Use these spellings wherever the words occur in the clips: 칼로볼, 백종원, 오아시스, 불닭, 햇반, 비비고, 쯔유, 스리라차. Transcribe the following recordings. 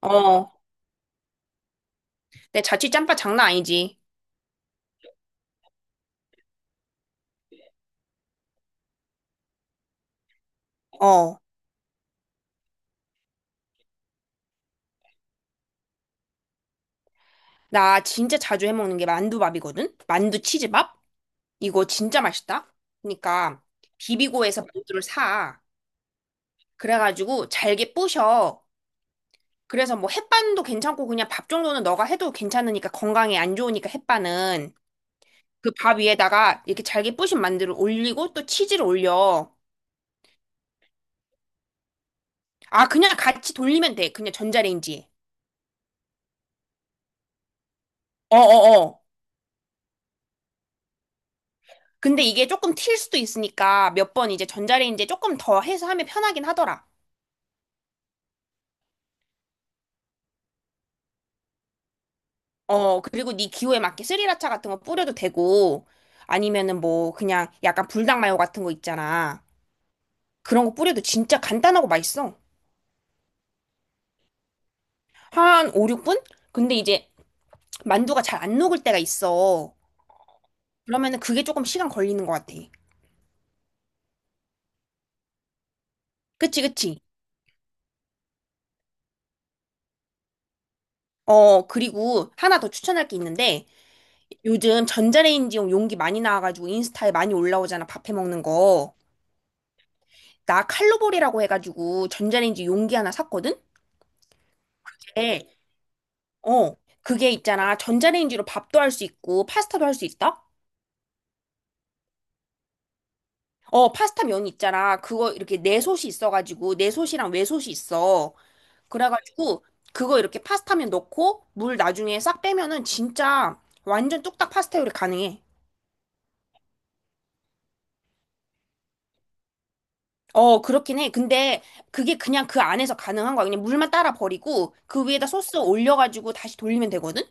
어, 내 자취 짬밥 장난 아니지. 어, 나 진짜 자주 해먹는 게 만두밥이거든? 만두 치즈밥? 이거 진짜 맛있다? 그러니까, 비비고에서 만두를 사. 그래가지고 잘게 부셔. 그래서 뭐 햇반도 괜찮고 그냥 밥 정도는 너가 해도 괜찮으니까 건강에 안 좋으니까 햇반은. 그 밥 위에다가 이렇게 잘게 부신 만두를 올리고 또 치즈를 올려. 아, 그냥 같이 돌리면 돼. 그냥 전자레인지에. 어어어. 근데 이게 조금 튈 수도 있으니까 몇 번 이제 전자레인지에 조금 더 해서 하면 편하긴 하더라. 어, 그리고 네 기호에 맞게 스리라차 같은 거 뿌려도 되고 아니면은 뭐 그냥 약간 불닭 마요 같은 거 있잖아. 그런 거 뿌려도 진짜 간단하고 맛있어. 한 5, 6분? 근데 이제 만두가 잘 안 녹을 때가 있어. 그러면은 그게 조금 시간 걸리는 것 같아. 그치, 그치. 어, 그리고 하나 더 추천할 게 있는데 요즘 전자레인지용 용기 많이 나와가지고 인스타에 많이 올라오잖아. 밥해 먹는 거. 나 칼로볼이라고 해가지고 전자레인지 용기 하나 샀거든? 네. 어. 그게 있잖아. 전자레인지로 밥도 할 수 있고 파스타도 할 수 있다? 어, 파스타 면 있잖아. 그거 이렇게 내솥이 있어가지고 내솥이랑 외솥이 있어. 그래가지고 그거 이렇게 파스타면 넣고 물 나중에 싹 빼면은 진짜 완전 뚝딱 파스타 요리 가능해. 어, 그렇긴 해. 근데 그게 그냥 그 안에서 가능한 거야. 그냥 물만 따라 버리고 그 위에다 소스 올려가지고 다시 돌리면 되거든?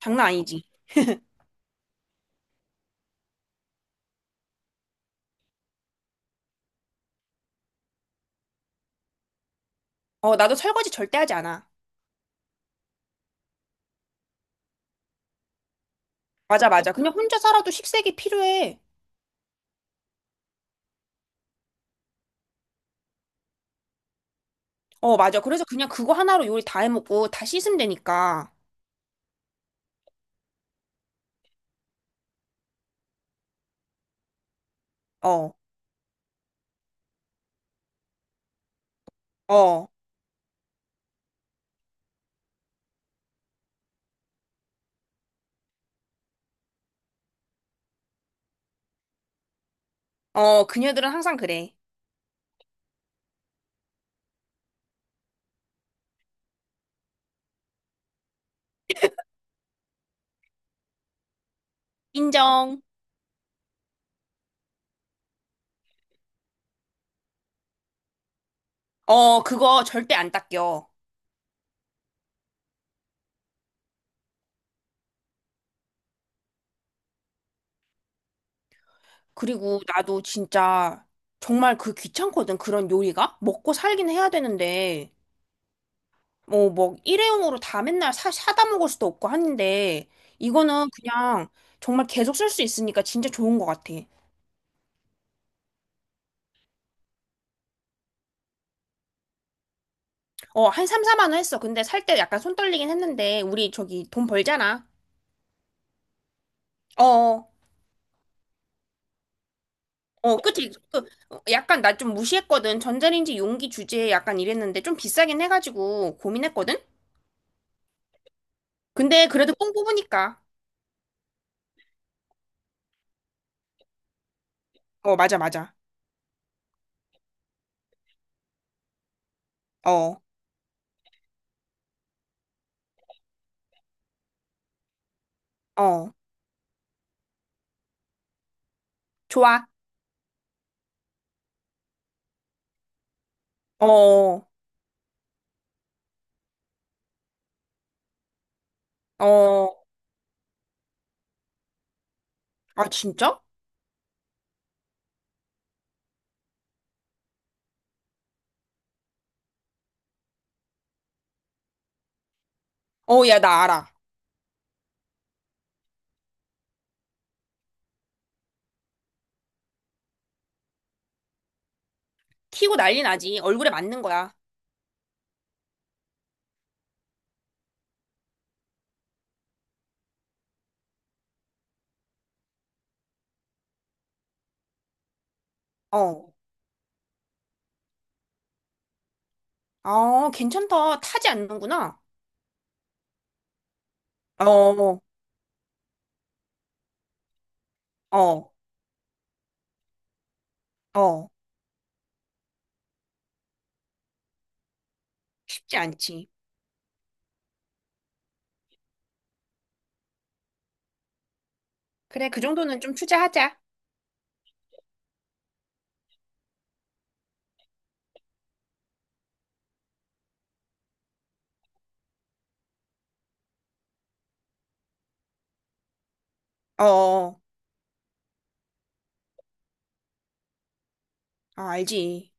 장난 아니지. 어, 나도 설거지 절대 하지 않아. 맞아, 맞아. 그냥 혼자 살아도 식색이 필요해. 어, 맞아. 그래서 그냥 그거 하나로 요리 다 해먹고 다 씻으면 되니까. 어, 어, 어, 그녀들은 항상 그래. 인정. 어, 그거 절대 안 닦여. 그리고 나도 진짜 정말 그 귀찮거든. 그런 요리가. 먹고 살긴 해야 되는데. 뭐, 뭐, 일회용으로 다 맨날 사다 먹을 수도 없고 하는데. 이거는 그냥 정말 계속 쓸 수 있으니까 진짜 좋은 것 같아. 어, 한 3, 4만 원 했어. 근데 살 때 약간 손 떨리긴 했는데, 우리 저기 돈 벌잖아. 어, 어, 어, 그치. 그, 약간 나 좀 무시했거든. 전자레인지 용기 주제에 약간 이랬는데, 좀 비싸긴 해가지고 고민했거든? 근데 그래도 뽕 뽑으니까. 어, 맞아, 맞아. 어, 어. 좋아. 어, 어. 아, 진짜? 어, 야, 나 알아. 튀고 난리 나지. 얼굴에 맞는 거야. 어. 어, 괜찮다. 타지 않는구나. 어, 어, 어. 쉽지 않지. 그래, 그 정도는 좀 투자하자. 어, 어, 아, 알지.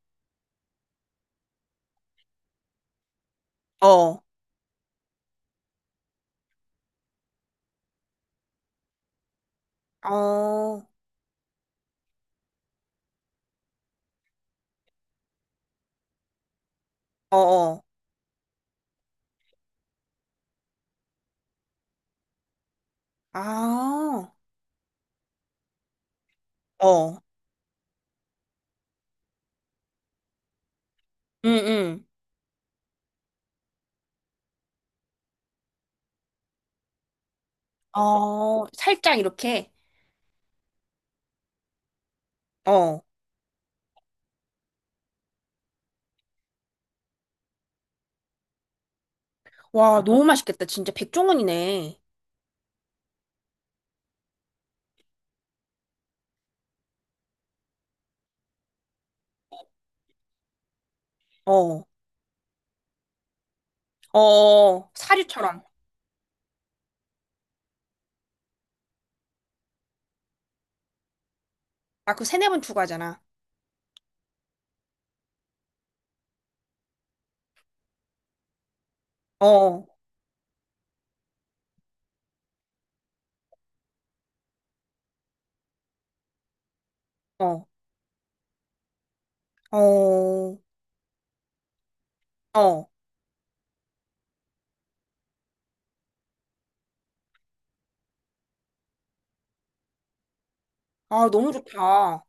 어, 어, 어, 어. 아, 어, 응, 응. 어, 살짝 이렇게. 어. 와, 너무 맛있겠다. 진짜 백종원이네. 어, 어, 사류처럼. 아, 그 세네 번 추가하잖아. 어, 어, 어, 어. 아, 너무 좋다.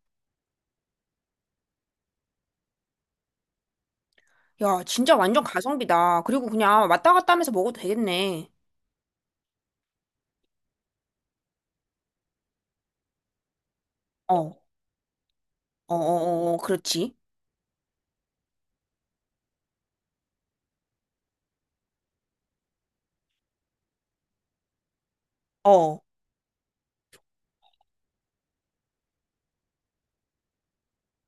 야, 진짜 완전 가성비다. 그리고 그냥 왔다 갔다 하면서 먹어도 되겠네. 어, 어, 어, 어, 어, 그렇지. 어.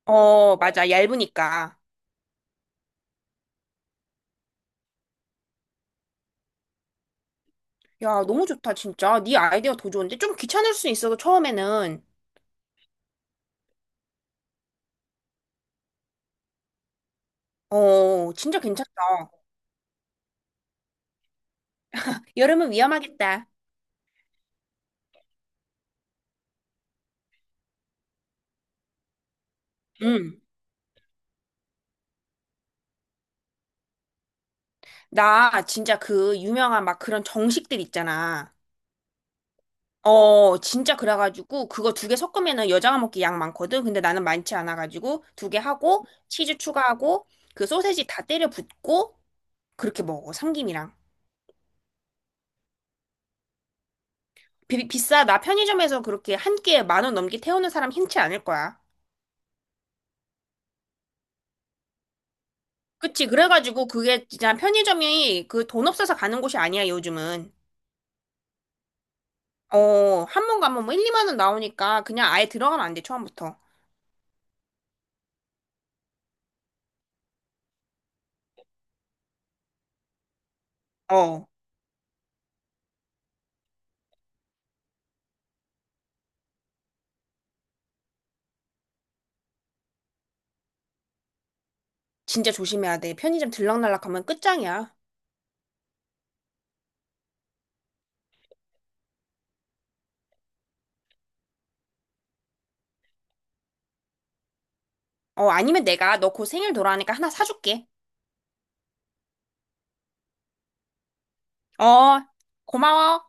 어, 맞아. 얇으니까. 야, 너무 좋다, 진짜. 네 아이디어 더 좋은데? 좀 귀찮을 수 있어도 처음에는. 어, 진짜 괜찮다. 여름은 위험하겠다. 응. 나 진짜 그 유명한 막 그런 정식들 있잖아. 어, 진짜 그래가지고 그거 두 개 섞으면은 여자가 먹기 양 많거든. 근데 나는 많지 않아가지고 두 개 하고 치즈 추가하고 그 소세지 다 때려 붓고 그렇게 먹어. 삼김이랑. 비싸. 나 편의점에서 그렇게 한 끼에 만 원 넘게 태우는 사람 흔치 않을 거야. 그치. 그래가지고 그게 진짜 편의점이 그 돈 없어서 가는 곳이 아니야, 요즘은. 어, 한 번 가면 뭐 1, 2만 원 나오니까 그냥 아예 들어가면 안 돼, 처음부터. 어, 진짜 조심해야 돼. 편의점 들락날락 하면 끝장이야. 어, 아니면 내가 너 곧 생일 돌아오니까 하나 사줄게. 어, 고마워.